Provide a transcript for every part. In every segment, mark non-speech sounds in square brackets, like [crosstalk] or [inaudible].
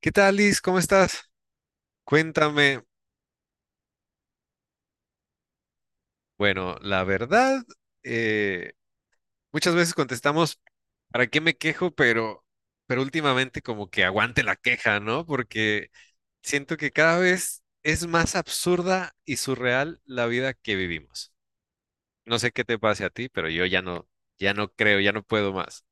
¿Qué tal, Liz? ¿Cómo estás? Cuéntame. Bueno, la verdad, eh, muchas veces contestamos, ¿para qué me quejo? Pero últimamente como que aguante la queja, ¿no? Porque siento que cada vez es más absurda y surreal la vida que vivimos. No sé qué te pase a ti, pero yo ya no, ya no creo, ya no puedo más.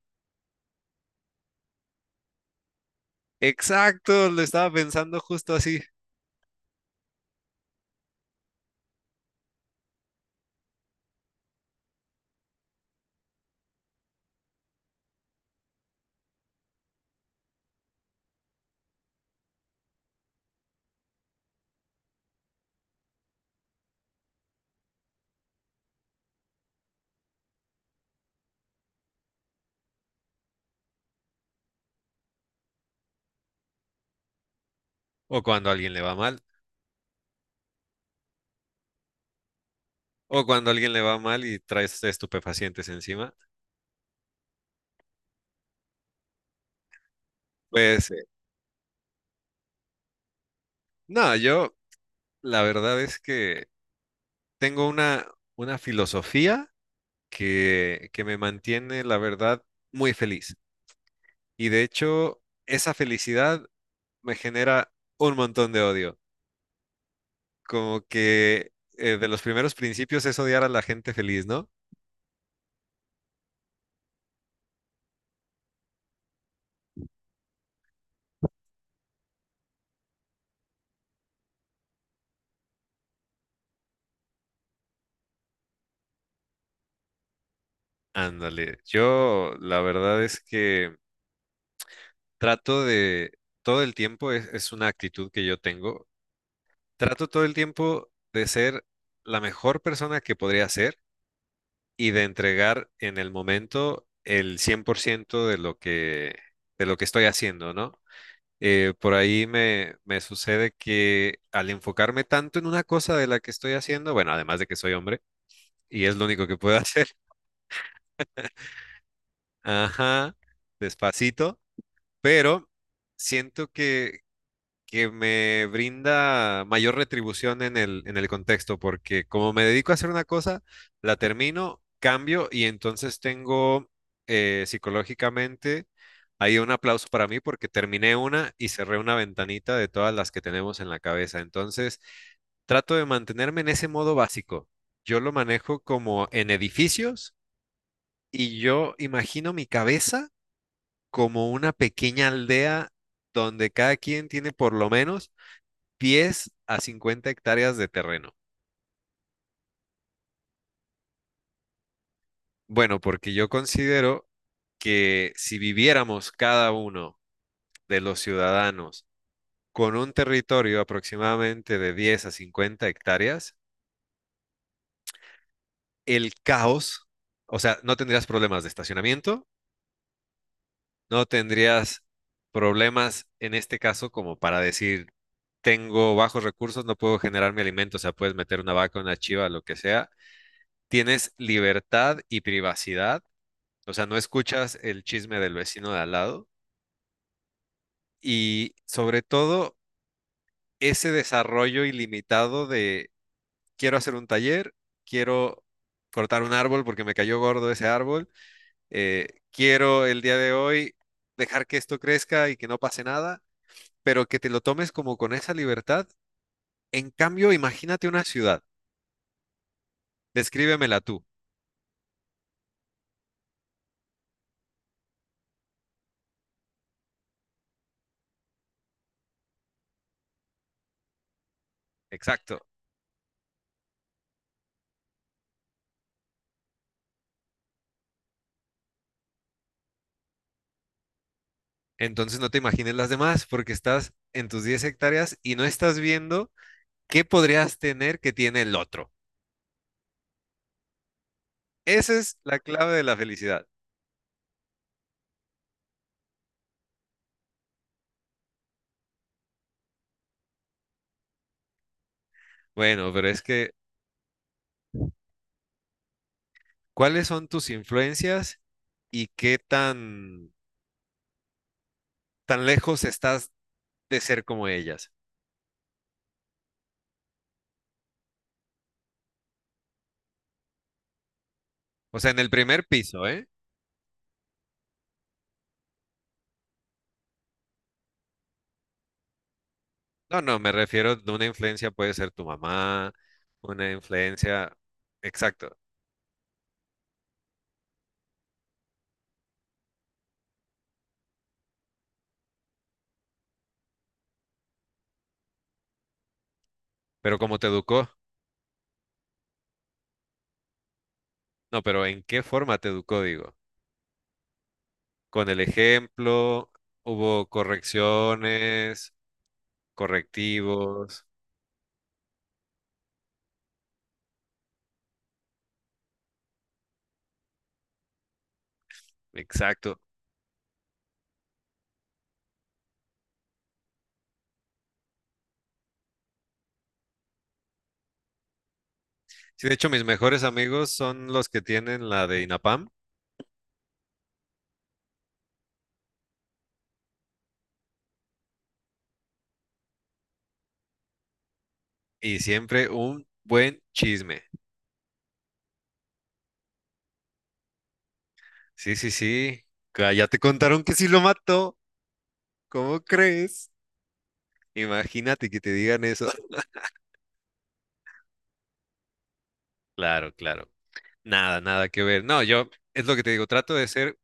Exacto, lo estaba pensando justo así. O cuando a alguien le va mal, o cuando a alguien le va mal y traes estupefacientes encima. Pues, no, yo... La verdad es que tengo una filosofía que me mantiene, la verdad, muy feliz. Y de hecho, esa felicidad me genera un montón de odio. Como que de los primeros principios es odiar a la gente feliz, ¿no? Ándale, yo la verdad es que trato de, todo el tiempo, es una actitud que yo tengo, trato todo el tiempo de ser la mejor persona que podría ser y de entregar en el momento el 100% de de lo que estoy haciendo, ¿no? Por ahí me sucede que al enfocarme tanto en una cosa de la que estoy haciendo, bueno, además de que soy hombre y es lo único que puedo hacer, [laughs] ajá, despacito, pero siento que me brinda mayor retribución en en el contexto, porque como me dedico a hacer una cosa, la termino, cambio y entonces tengo psicológicamente ahí un aplauso para mí porque terminé una y cerré una ventanita de todas las que tenemos en la cabeza. Entonces, trato de mantenerme en ese modo básico. Yo lo manejo como en edificios y yo imagino mi cabeza como una pequeña aldea donde cada quien tiene por lo menos pies a 50 hectáreas de terreno. Bueno, porque yo considero que si viviéramos cada uno de los ciudadanos con un territorio aproximadamente de 10 a 50 hectáreas, el caos, o sea, no tendrías problemas de estacionamiento, no tendrías problemas en este caso como para decir, tengo bajos recursos, no puedo generar mi alimento, o sea, puedes meter una vaca, una chiva, lo que sea. Tienes libertad y privacidad. O sea, no escuchas el chisme del vecino de al lado y sobre todo ese desarrollo ilimitado de quiero hacer un taller, quiero cortar un árbol porque me cayó gordo ese árbol, quiero el día de hoy dejar que esto crezca y que no pase nada, pero que te lo tomes como con esa libertad. En cambio, imagínate una ciudad, descríbemela tú, exacto. Entonces no te imagines las demás porque estás en tus 10 hectáreas y no estás viendo ¿qué podrías tener que tiene el otro? Esa es la clave de la felicidad. Bueno, pero es que, ¿cuáles son tus influencias y qué tan lejos estás de ser como ellas? O sea, en el primer piso, ¿eh? No, no, me refiero de una influencia puede ser tu mamá, una influencia, exacto. Pero cómo te educó, no, pero ¿en qué forma te educó, digo? Con el ejemplo, hubo correcciones, correctivos, exacto. Sí, de hecho, mis mejores amigos son los que tienen la de INAPAM y siempre un buen chisme. Sí, sí, sí. Ya te contaron que sí lo mató. ¿Cómo crees? Imagínate que te digan eso. [laughs] Claro, claro. Nada, nada que ver. No, yo es lo que te digo, trato de ser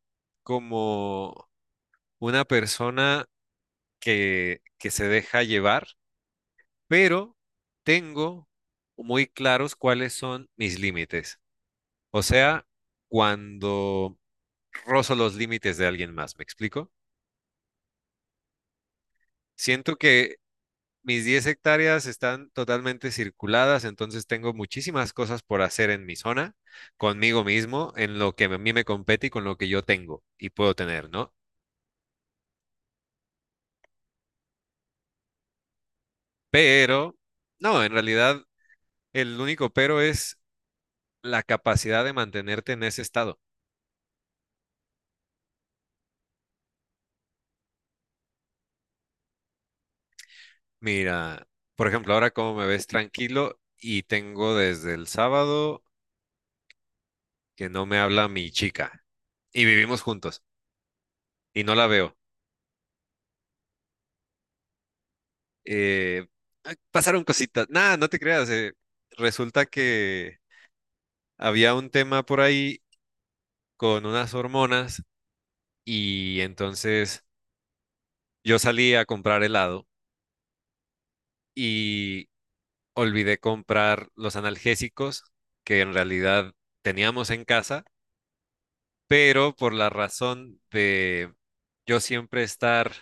como una persona que se deja llevar, pero tengo muy claros cuáles son mis límites. O sea, cuando rozo los límites de alguien más, ¿me explico? Siento que mis 10 hectáreas están totalmente circuladas, entonces tengo muchísimas cosas por hacer en mi zona, conmigo mismo, en lo que a mí me compete y con lo que yo tengo y puedo tener, ¿no? Pero, no, en realidad el único pero es la capacidad de mantenerte en ese estado. Mira, por ejemplo, ahora como me ves tranquilo y tengo desde el sábado que no me habla mi chica, y vivimos juntos y no la veo. Eh, "Ay, pasaron cositas. Nada, no te creas. Resulta que había un tema por ahí con unas hormonas y entonces yo salí a comprar helado y olvidé comprar los analgésicos que en realidad teníamos en casa, pero por la razón de yo siempre estar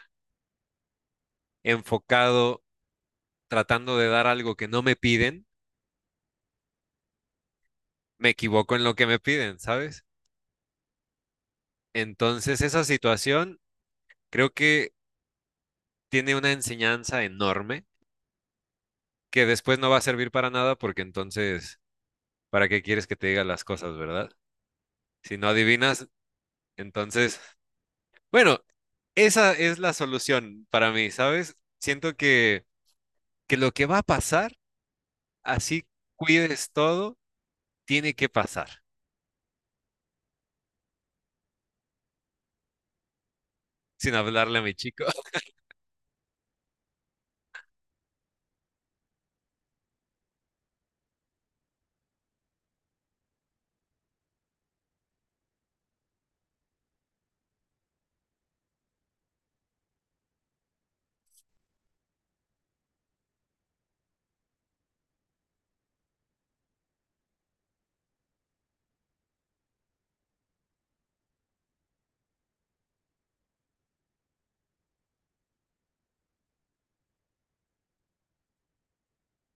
enfocado tratando de dar algo que no me piden, me equivoco en lo que me piden, ¿sabes? Entonces, esa situación creo que tiene una enseñanza enorme que después no va a servir para nada porque entonces, ¿para qué quieres que te diga las cosas, verdad? Si no adivinas, entonces, bueno, esa es la solución para mí, ¿sabes? Siento que lo que va a pasar, así cuides todo, tiene que pasar, sin hablarle a mi chico.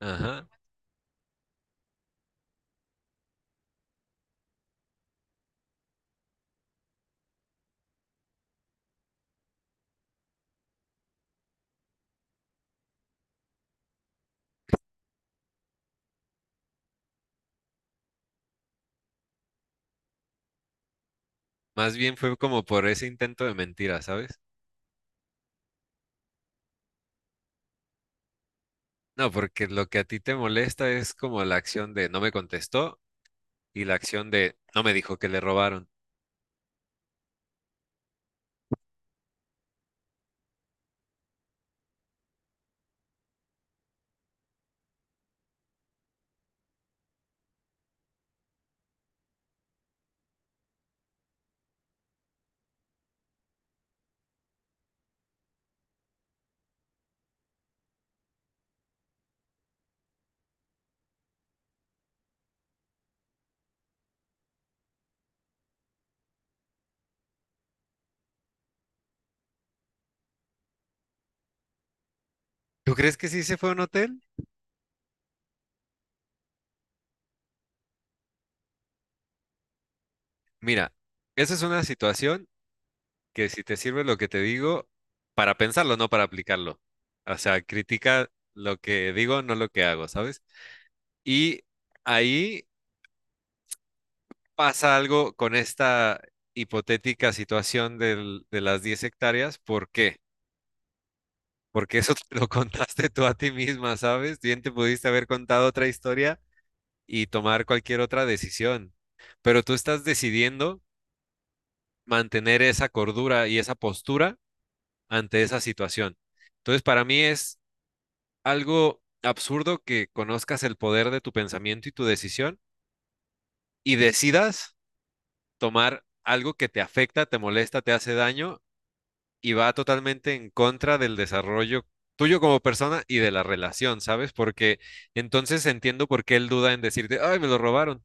[laughs] Ajá. Más bien fue como por ese intento de mentira, ¿sabes? No, porque lo que a ti te molesta es como la acción de no me contestó, y la acción de no me dijo que le robaron. ¿Tú crees que sí se fue a un hotel? Mira, esa es una situación que si te sirve lo que te digo, para pensarlo, no para aplicarlo. O sea, critica lo que digo, no lo que hago, ¿sabes? Y ahí pasa algo con esta hipotética situación de las 10 hectáreas. ¿Por qué? Porque eso te lo [laughs] contaste tú a ti misma, ¿sabes? Bien te pudiste haber contado otra historia y tomar cualquier otra decisión, pero tú estás decidiendo mantener esa cordura y esa postura ante esa situación. Entonces, para mí es algo absurdo que conozcas el poder de tu pensamiento y tu decisión y decidas tomar algo que te afecta, te molesta, te hace daño y va totalmente en contra del desarrollo tuyo como persona y de la relación, ¿sabes? Porque entonces entiendo por qué él duda en decirte, ay, me lo robaron.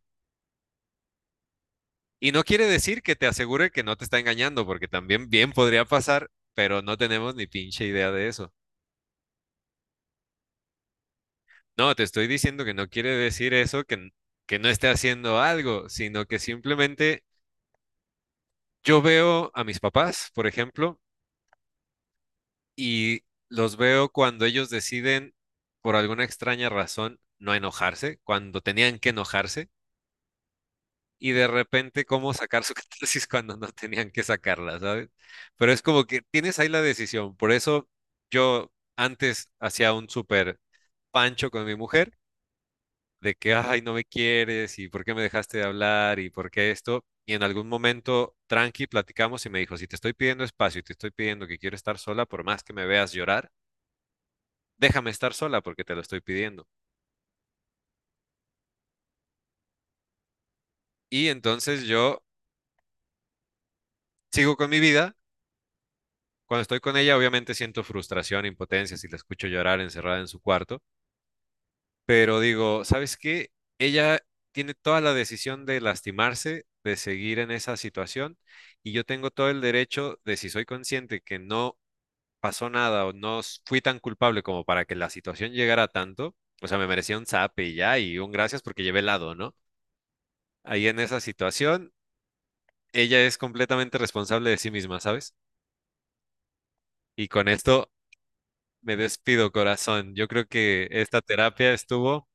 Y no quiere decir que te asegure que no te está engañando, porque también bien podría pasar, pero no tenemos ni pinche idea de eso. No, te estoy diciendo que no quiere decir eso, que no esté haciendo algo, sino que simplemente yo veo a mis papás, por ejemplo, y los veo cuando ellos deciden, por alguna extraña razón, no enojarse, cuando tenían que enojarse, y de repente cómo sacar su [laughs] catarsis cuando no tenían que sacarla, ¿sabes? Pero es como que tienes ahí la decisión. Por eso yo antes hacía un súper pancho con mi mujer de que, ay, no me quieres y por qué me dejaste de hablar y por qué esto. Y en algún momento, tranqui, platicamos y me dijo, si te estoy pidiendo espacio y te estoy pidiendo que quiero estar sola, por más que me veas llorar, déjame estar sola porque te lo estoy pidiendo. Y entonces yo sigo con mi vida. Cuando estoy con ella, obviamente siento frustración, impotencia si la escucho llorar encerrada en su cuarto, pero digo, ¿sabes qué? Ella tiene toda la decisión de lastimarse, de seguir en esa situación, y yo tengo todo el derecho de, si soy consciente que no pasó nada o no s- fui tan culpable como para que la situación llegara a tanto, o sea, me merecía un zap y ya, y un gracias porque llevé helado, ¿no? Ahí en esa situación, ella es completamente responsable de sí misma, ¿sabes? Y con esto me despido, corazón. Yo creo que esta terapia estuvo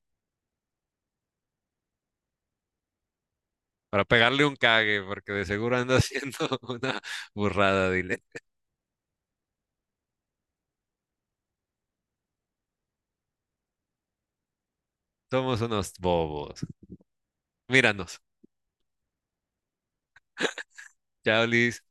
para pegarle un cague, porque de seguro anda [laughs] haciendo una burrada, dile. Somos unos bobos. Míranos. Chao, Liz.